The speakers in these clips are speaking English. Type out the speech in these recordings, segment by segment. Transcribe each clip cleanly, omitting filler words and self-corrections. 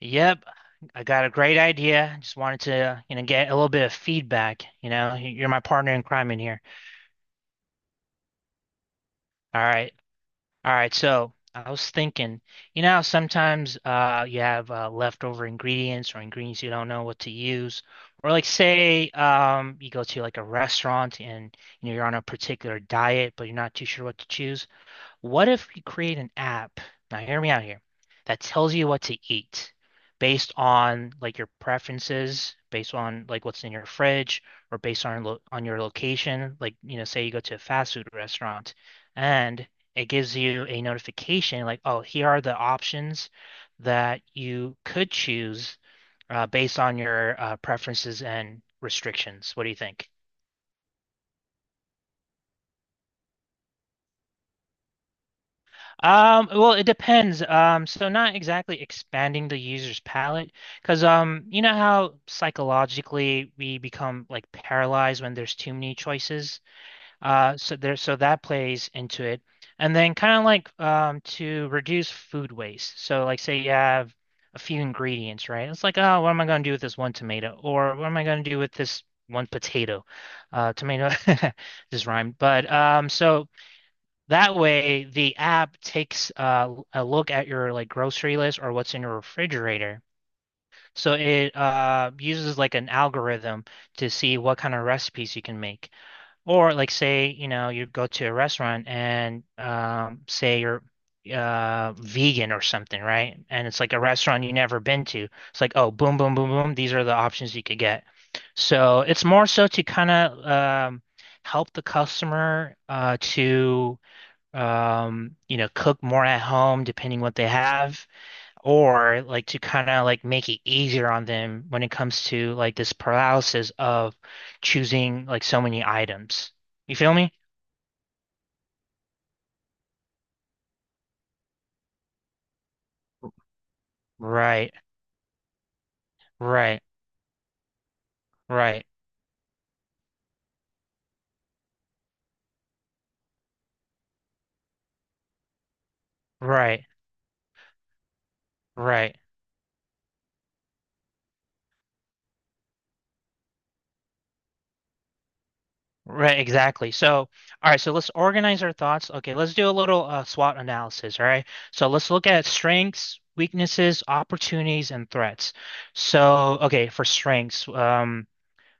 Yep, I got a great idea. Just wanted to get a little bit of feedback. You're my partner in crime in here. All right, all right. So I was thinking, how sometimes you have leftover ingredients or ingredients you don't know what to use, or like say you go to like a restaurant and you know you're on a particular diet, but you're not too sure what to choose. What if we create an app? Now, hear me out here. That tells you what to eat based on like your preferences, based on like what's in your fridge, or based on lo on your location. Like, say you go to a fast food restaurant, and it gives you a notification like, oh, here are the options that you could choose based on your preferences and restrictions. What do you think? Well, it depends. So not exactly expanding the user's palette, because you know how psychologically we become like paralyzed when there's too many choices. So that plays into it, and then kind of like to reduce food waste. So like say you have a few ingredients, right? It's like, oh, what am I going to do with this one tomato, or what am I going to do with this one potato? Tomato just rhymed, but so. That way, the app takes a look at your like grocery list or what's in your refrigerator. So it uses like an algorithm to see what kind of recipes you can make. Or like say, you go to a restaurant and say you're vegan or something, right? And it's like a restaurant you never been to. It's like, oh, boom, boom, boom, boom. These are the options you could get. So it's more so to kind of help the customer to cook more at home depending what they have, or like to kind of like make it easier on them when it comes to like this paralysis of choosing like so many items. You feel me? Right, right, right, right, right, right, exactly. So, all right, so let's organize our thoughts. Okay, let's do a little SWOT analysis, all right? So let's look at strengths, weaknesses, opportunities, and threats. So, okay, for strengths, um,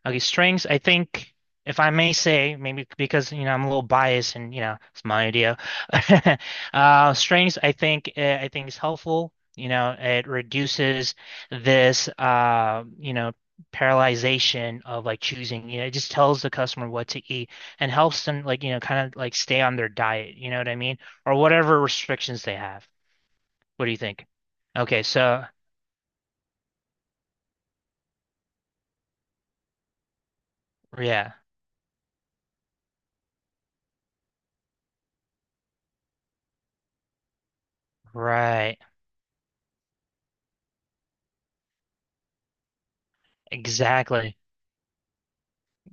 Okay, strings, I think, if I may say, maybe because, I'm a little biased and, it's my idea. Strings, I think, I think is helpful. It reduces this, paralyzation of like choosing. It just tells the customer what to eat and helps them like, kind of like stay on their diet. You know what I mean? Or whatever restrictions they have. What do you think? Okay, so yeah, right. Exactly.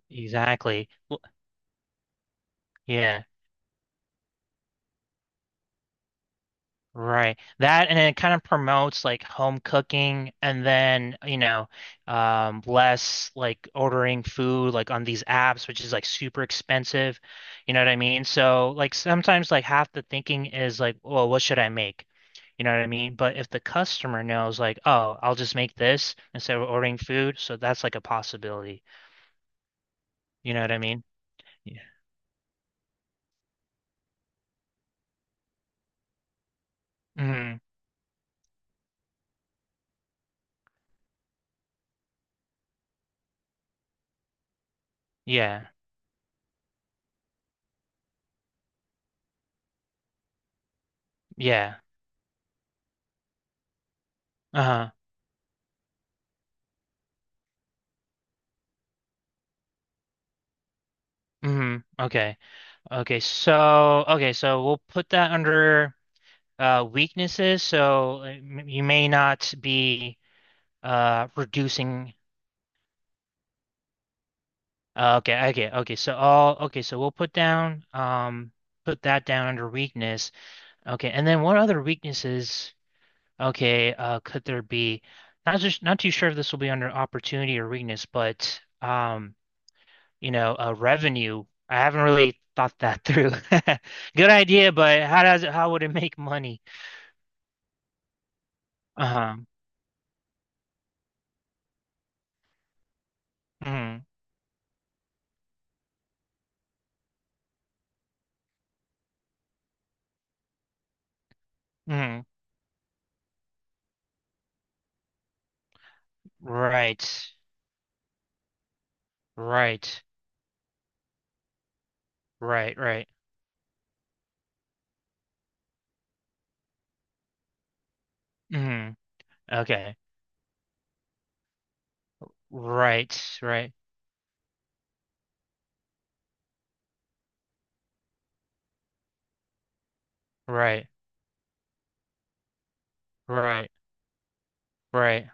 Exactly. Well, yeah. Right. That and it kind of promotes like home cooking and then, less like ordering food like on these apps, which is like super expensive. You know what I mean? So like sometimes like half the thinking is like, well, what should I make? You know what I mean? But if the customer knows like, oh, I'll just make this instead of ordering food, so that's like a possibility. You know what I mean? Yeah. Hmm. Yeah. Yeah. Uh-huh. Hmm. Okay. Okay, so we'll put that under weaknesses. So you may not be reducing. Okay, okay, okay. So all okay, so we'll put down put that down under weakness. Okay, and then what other weaknesses okay could there be? Not just not too sure if this will be under opportunity or weakness, but revenue. I haven't really thought that through. Good idea, but how would it make money? Uh-huh. Hmm. Mm, right, right, right, right. Hmm. Okay. Right, right, right, right, right.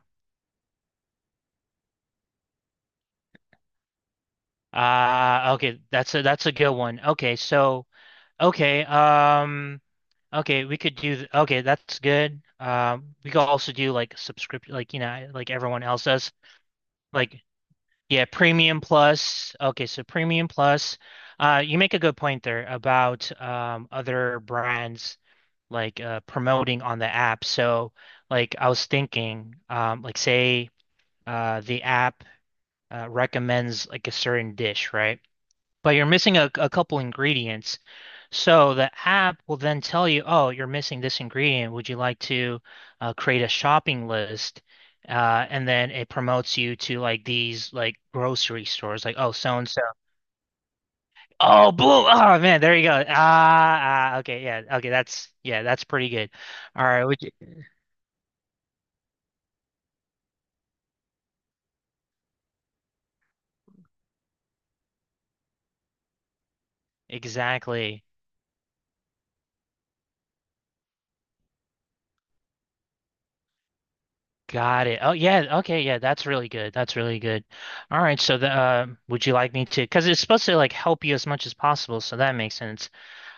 Ah, okay, that's a good one. Okay, so okay, okay, we could do. Okay, that's good. We could also do like subscription, like everyone else does. Like yeah, premium plus. Okay, so premium plus. You make a good point there about other brands like promoting on the app. So like I was thinking, like say the app recommends like a certain dish, right? But you're missing a couple ingredients. So the app will then tell you, oh, you're missing this ingredient. Would you like to create a shopping list? And then it promotes you to like these like grocery stores, like oh so and so. Oh, blue. Oh man, there you go. Ah, okay, yeah, okay, that's yeah, that's pretty good. All right. would Exactly. Got it. Oh yeah. Okay. Yeah. That's really good. That's really good. All right. So the would you like me to? Because it's supposed to like help you as much as possible. So that makes sense.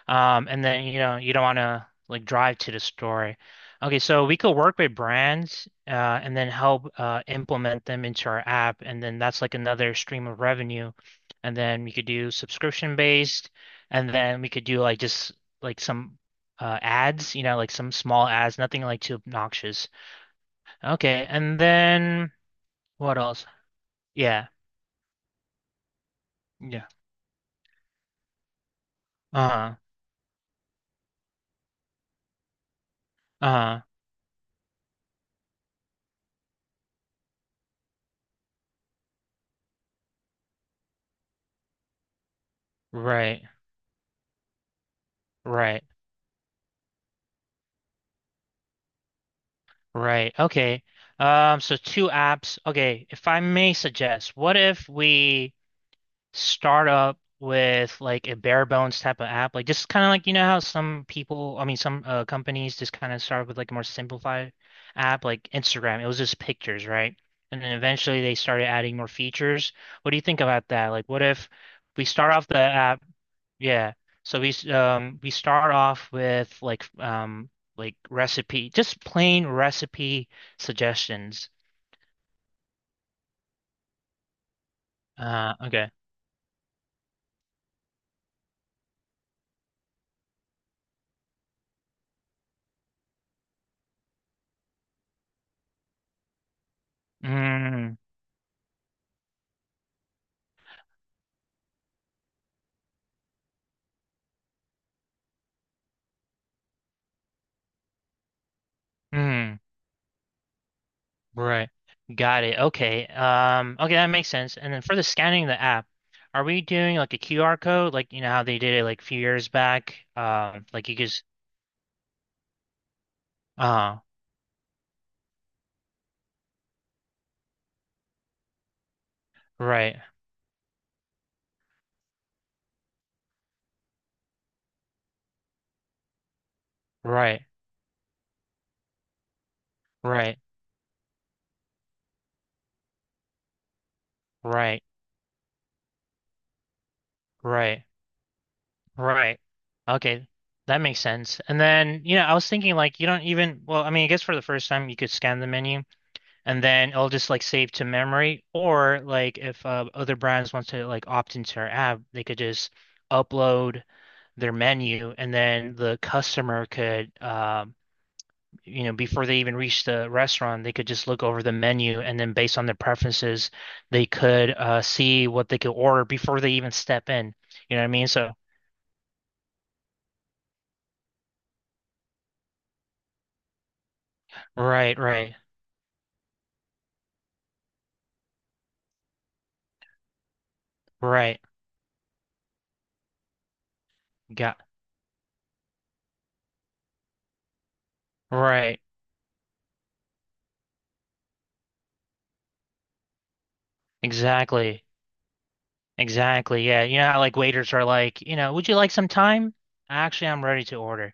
And then you know you don't want to like drive to the store. Okay. So we could work with brands, and then help implement them into our app, and then that's like another stream of revenue. And then we could do subscription based, and then we could do like just like some ads. Like some small ads, nothing like too obnoxious. Okay, and then what else? Yeah, yeah. Uh-huh. Uh-huh. Right, right, right. Okay. So two apps. Okay, if I may suggest, what if we start up with like a bare bones type of app? Like just kind of like you know how some people, I mean some companies just kind of start with like a more simplified app like Instagram. It was just pictures, right? And then eventually they started adding more features. What do you think about that? Like what if we start off the app? Yeah. So we start off with like recipe, just plain recipe suggestions. Okay. Mm, mm, right. Got it. Okay. Okay, that makes sense. And then for the scanning the app, are we doing like a QR code like you know how they did it like a few years back? Like you just uh right, right, right, right, right. Right. Okay. That makes sense. And then, I was thinking like you don't even, well, I mean, I guess for the first time you could scan the menu and then it'll just like save to memory or like if other brands want to like opt into our app, they could just upload their menu and then the customer could before they even reach the restaurant, they could just look over the menu and then based on their preferences, they could see what they could order before they even step in. You know what I mean? So, right, right. Right. Got Right. Exactly. Exactly. Yeah. You know how like waiters are like, would you like some time? Actually, I'm ready to order.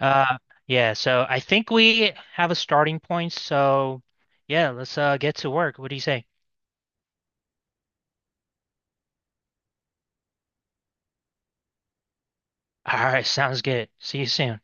Uh yeah, so I think we have a starting point. So yeah, let's get to work. What do you say? All right, sounds good. See you soon.